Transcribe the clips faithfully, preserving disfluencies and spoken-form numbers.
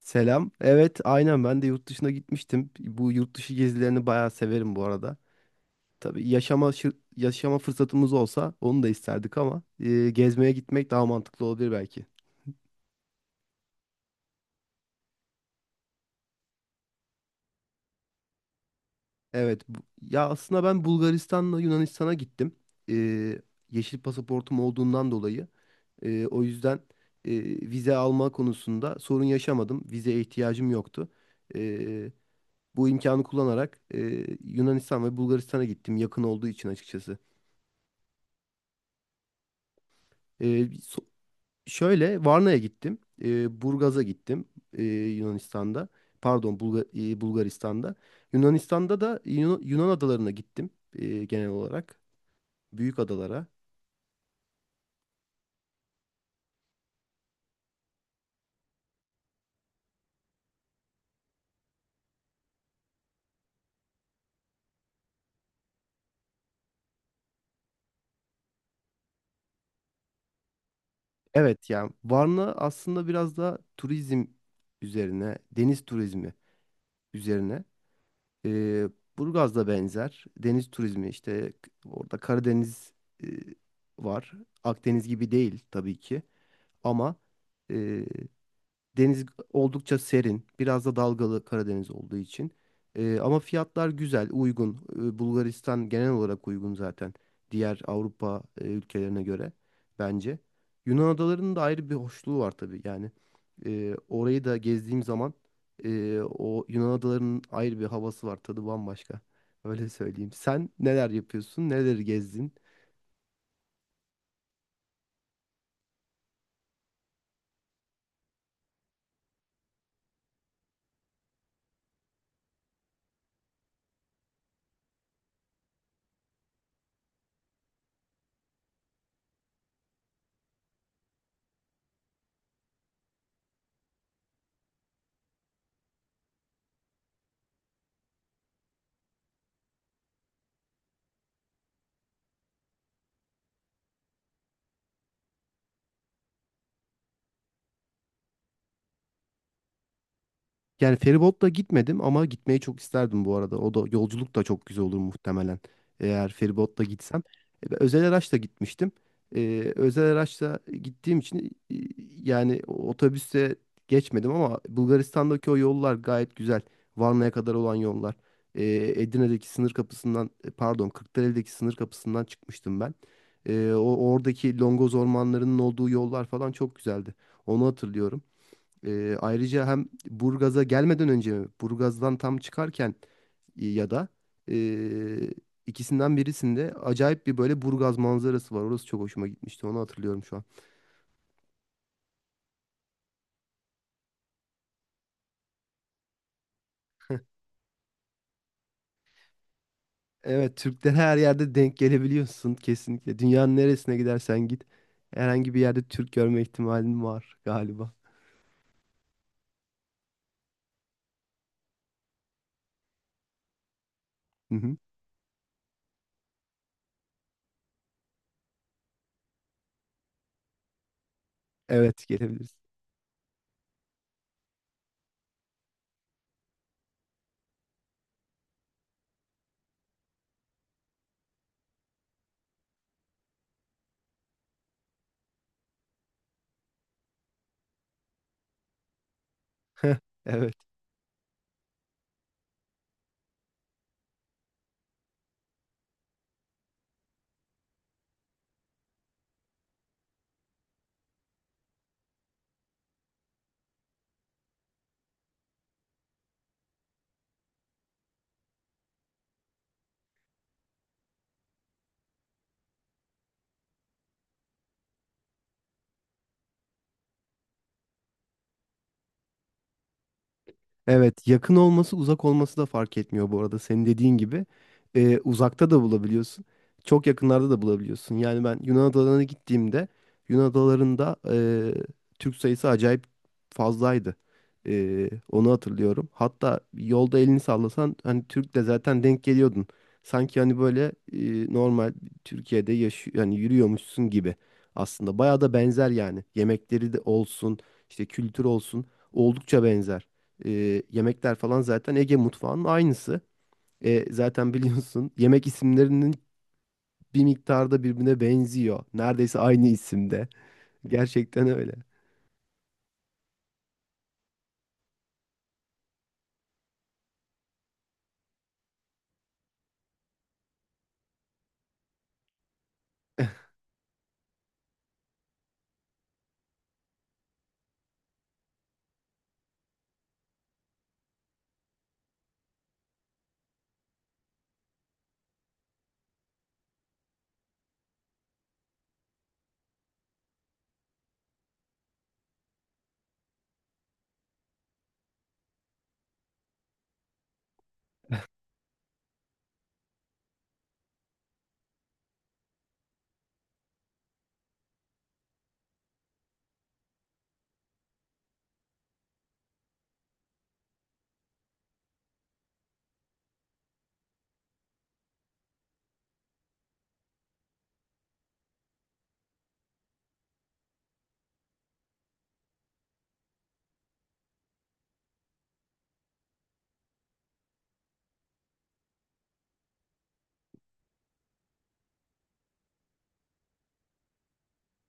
Selam. Evet, aynen ben de yurt dışına gitmiştim. Bu yurt dışı gezilerini bayağı severim bu arada. Tabii yaşama şir- yaşama fırsatımız olsa onu da isterdik ama e, gezmeye gitmek daha mantıklı olabilir belki. Evet, bu- ya aslında ben Bulgaristan'la Yunanistan'a gittim. E, Yeşil pasaportum olduğundan dolayı. E, o yüzden e, vize alma konusunda sorun yaşamadım. Vizeye ihtiyacım yoktu. E, Bu imkanı kullanarak e, Yunanistan ve Bulgaristan'a gittim yakın olduğu için açıkçası. Ee, so- Şöyle Varna'ya gittim. Ee, Burgaz'a gittim ee, Yunanistan'da. Pardon Bulga- ee, Bulgaristan'da. Yunanistan'da da Yunan, Yunan adalarına gittim ee, genel olarak. Büyük adalara. Evet yani Varna aslında biraz da turizm üzerine, deniz turizmi üzerine. Ee, Burgaz da benzer. Deniz turizmi işte orada Karadeniz e, var. Akdeniz gibi değil tabii ki ama deniz oldukça serin. Biraz da dalgalı Karadeniz olduğu için. Ee, ama fiyatlar güzel, uygun. Ee, Bulgaristan genel olarak uygun zaten. Diğer Avrupa e, ülkelerine göre bence. Yunan adalarının da ayrı bir hoşluğu var tabii. Yani e, orayı da gezdiğim zaman e, o Yunan adalarının ayrı bir havası var. Tadı bambaşka. Öyle söyleyeyim. Sen neler yapıyorsun? Neleri gezdin? Yani feribotla gitmedim ama gitmeyi çok isterdim bu arada. O da yolculuk da çok güzel olur muhtemelen. Eğer feribotla gitsem. E, ben özel araçla gitmiştim. E, özel araçla gittiğim için e, yani otobüse geçmedim ama Bulgaristan'daki o yollar gayet güzel. Varna'ya kadar olan yollar. E, Edirne'deki sınır kapısından e, pardon Kırklareli'deki sınır kapısından çıkmıştım ben. E, o oradaki longoz ormanlarının olduğu yollar falan çok güzeldi. Onu hatırlıyorum. Ee, ayrıca hem Burgaz'a gelmeden önce Burgaz'dan tam çıkarken e, ya da e, ikisinden birisinde acayip bir böyle Burgaz manzarası var. Orası çok hoşuma gitmişti. Onu hatırlıyorum şu an. Evet, Türklere her yerde denk gelebiliyorsun kesinlikle. Dünyanın neresine gidersen git herhangi bir yerde Türk görme ihtimalin var galiba. Hı hı. Evet, gelebilirsin. Evet. Evet, yakın olması uzak olması da fark etmiyor bu arada. Senin dediğin gibi e, uzakta da bulabiliyorsun. Çok yakınlarda da bulabiliyorsun. Yani ben Yunan adalarına gittiğimde Yunan adalarında e, Türk sayısı acayip fazlaydı. E, onu hatırlıyorum. Hatta yolda elini sallasan hani Türk de zaten denk geliyordun. Sanki hani böyle e, normal Türkiye'de yaşıyor yani yürüyormuşsun gibi aslında. Bayağı da benzer yani. Yemekleri de olsun, işte kültür olsun oldukça benzer e, yemekler falan zaten Ege mutfağının aynısı. E, zaten biliyorsun yemek isimlerinin bir miktarda birbirine benziyor. Neredeyse aynı isimde. Gerçekten öyle.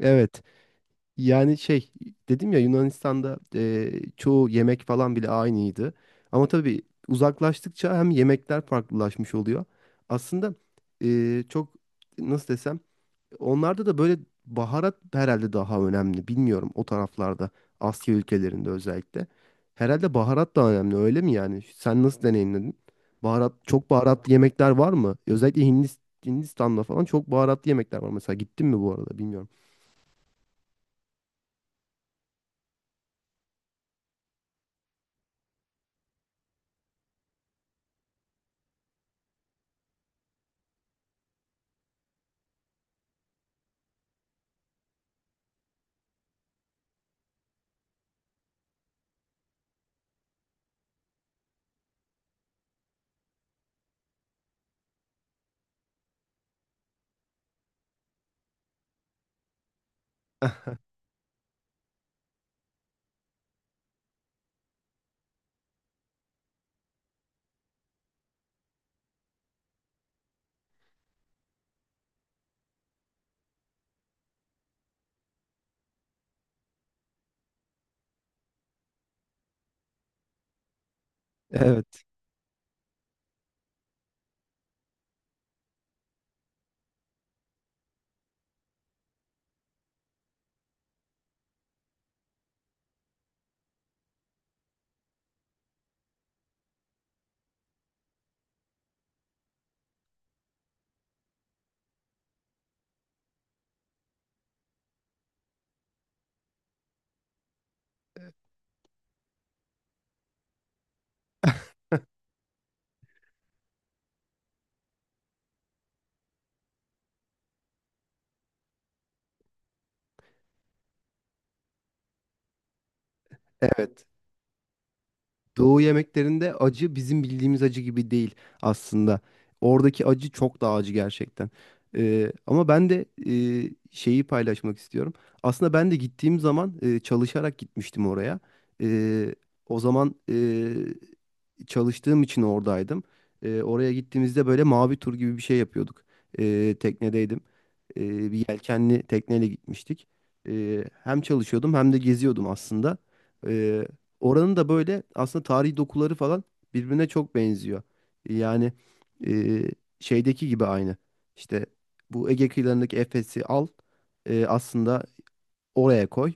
Evet. Yani şey dedim ya Yunanistan'da e, çoğu yemek falan bile aynıydı. Ama tabii uzaklaştıkça hem yemekler farklılaşmış oluyor. Aslında e, çok nasıl desem onlarda da böyle baharat herhalde daha önemli. Bilmiyorum o taraflarda. Asya ülkelerinde özellikle. Herhalde baharat da önemli öyle mi yani? Sen nasıl deneyimledin? Baharat, çok baharatlı yemekler var mı? Özellikle Hindis- Hindistan'da falan çok baharatlı yemekler var. Mesela gittin mi bu arada bilmiyorum. Evet, evet. Doğu yemeklerinde acı bizim bildiğimiz acı gibi değil aslında. Oradaki acı çok daha acı gerçekten. Ee, ama ben de e, şeyi paylaşmak istiyorum. Aslında ben de gittiğim zaman e, çalışarak gitmiştim oraya. Ee, O zaman e, çalıştığım için oradaydım. Ee, oraya gittiğimizde böyle mavi tur gibi bir şey yapıyorduk. Ee, teknedeydim. Ee, bir yelkenli tekneyle gitmiştik. Ee, hem çalışıyordum hem de geziyordum aslında. Oranın da böyle aslında tarihi dokuları falan birbirine çok benziyor. Yani e, şeydeki gibi aynı. İşte bu Ege kıyılarındaki Efes'i al, e, aslında oraya koy.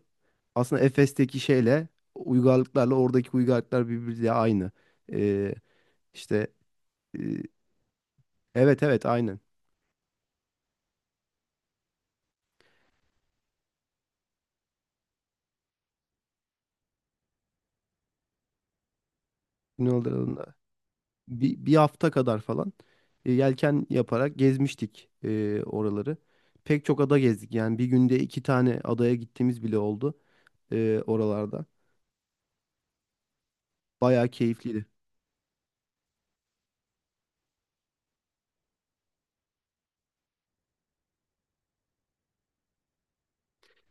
Aslında Efes'teki şeyle uygarlıklarla oradaki uygarlıklar birbiriyle aynı. E, işte e, evet evet aynen. Yunanistan bir, bir hafta kadar falan e, yelken yaparak gezmiştik e, oraları. Pek çok ada gezdik. Yani bir günde iki tane adaya gittiğimiz bile oldu. E, oralarda. Bayağı keyifliydi.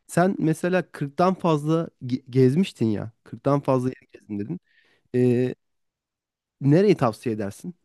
Sen mesela kırktan fazla ge- gezmiştin ya. kırktan fazla yer gezdin dedin. E, Nereyi tavsiye edersin?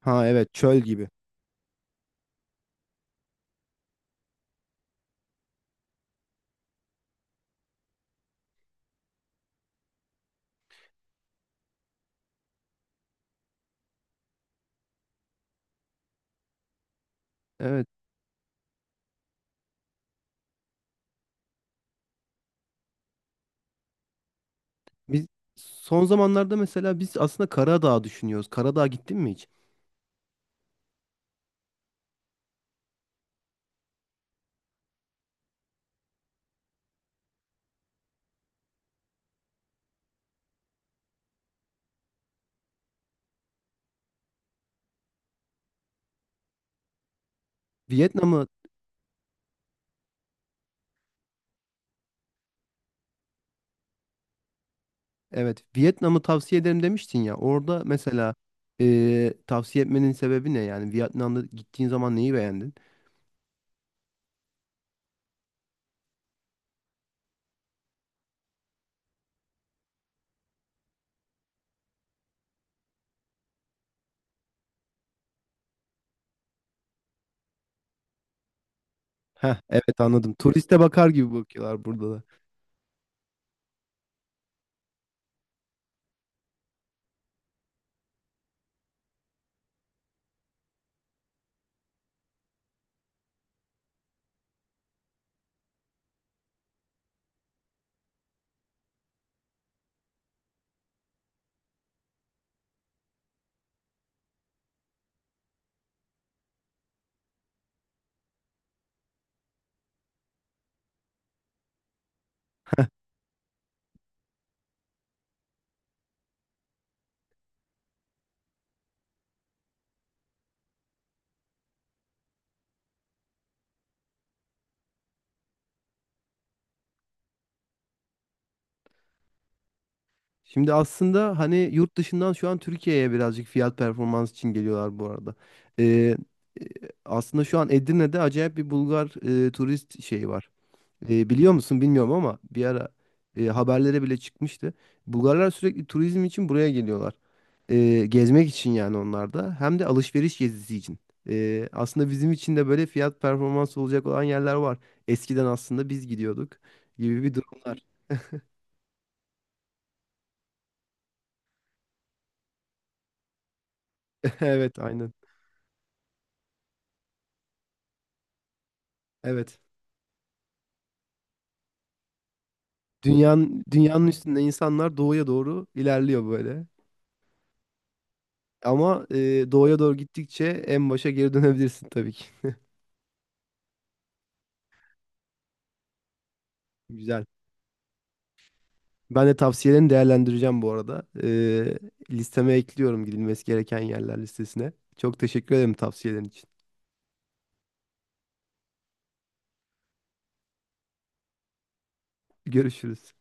Ha evet çöl gibi. Evet. Biz son zamanlarda mesela biz aslında Karadağ düşünüyoruz. Karadağ gittin mi hiç? Vietnam'ı evet Vietnam'ı tavsiye ederim demiştin ya. Orada mesela e, tavsiye etmenin sebebi ne? Yani Vietnam'da gittiğin zaman neyi beğendin? Heh, evet anladım. Turiste bakar gibi bakıyorlar burada. Şimdi aslında hani yurt dışından şu an Türkiye'ye birazcık fiyat performans için geliyorlar bu arada. Ee, e, Aslında şu an Edirne'de acayip bir Bulgar e, turist şeyi var. Ee, biliyor musun bilmiyorum ama bir ara e, haberlere bile çıkmıştı. Bulgarlar sürekli turizm için buraya geliyorlar. Ee, gezmek için yani onlar da hem de alışveriş gezisi için. Ee, aslında bizim için de böyle fiyat performans olacak olan yerler var. Eskiden aslında biz gidiyorduk gibi bir durumlar. Evet aynen. Evet. Dünyanın, dünyanın üstünde insanlar doğuya doğru ilerliyor böyle. Ama e, doğuya doğru gittikçe en başa geri dönebilirsin tabii ki. Güzel. Ben de tavsiyelerini değerlendireceğim bu arada. E, listeme ekliyorum gidilmesi gereken yerler listesine. Çok teşekkür ederim tavsiyelerin için. Görüşürüz.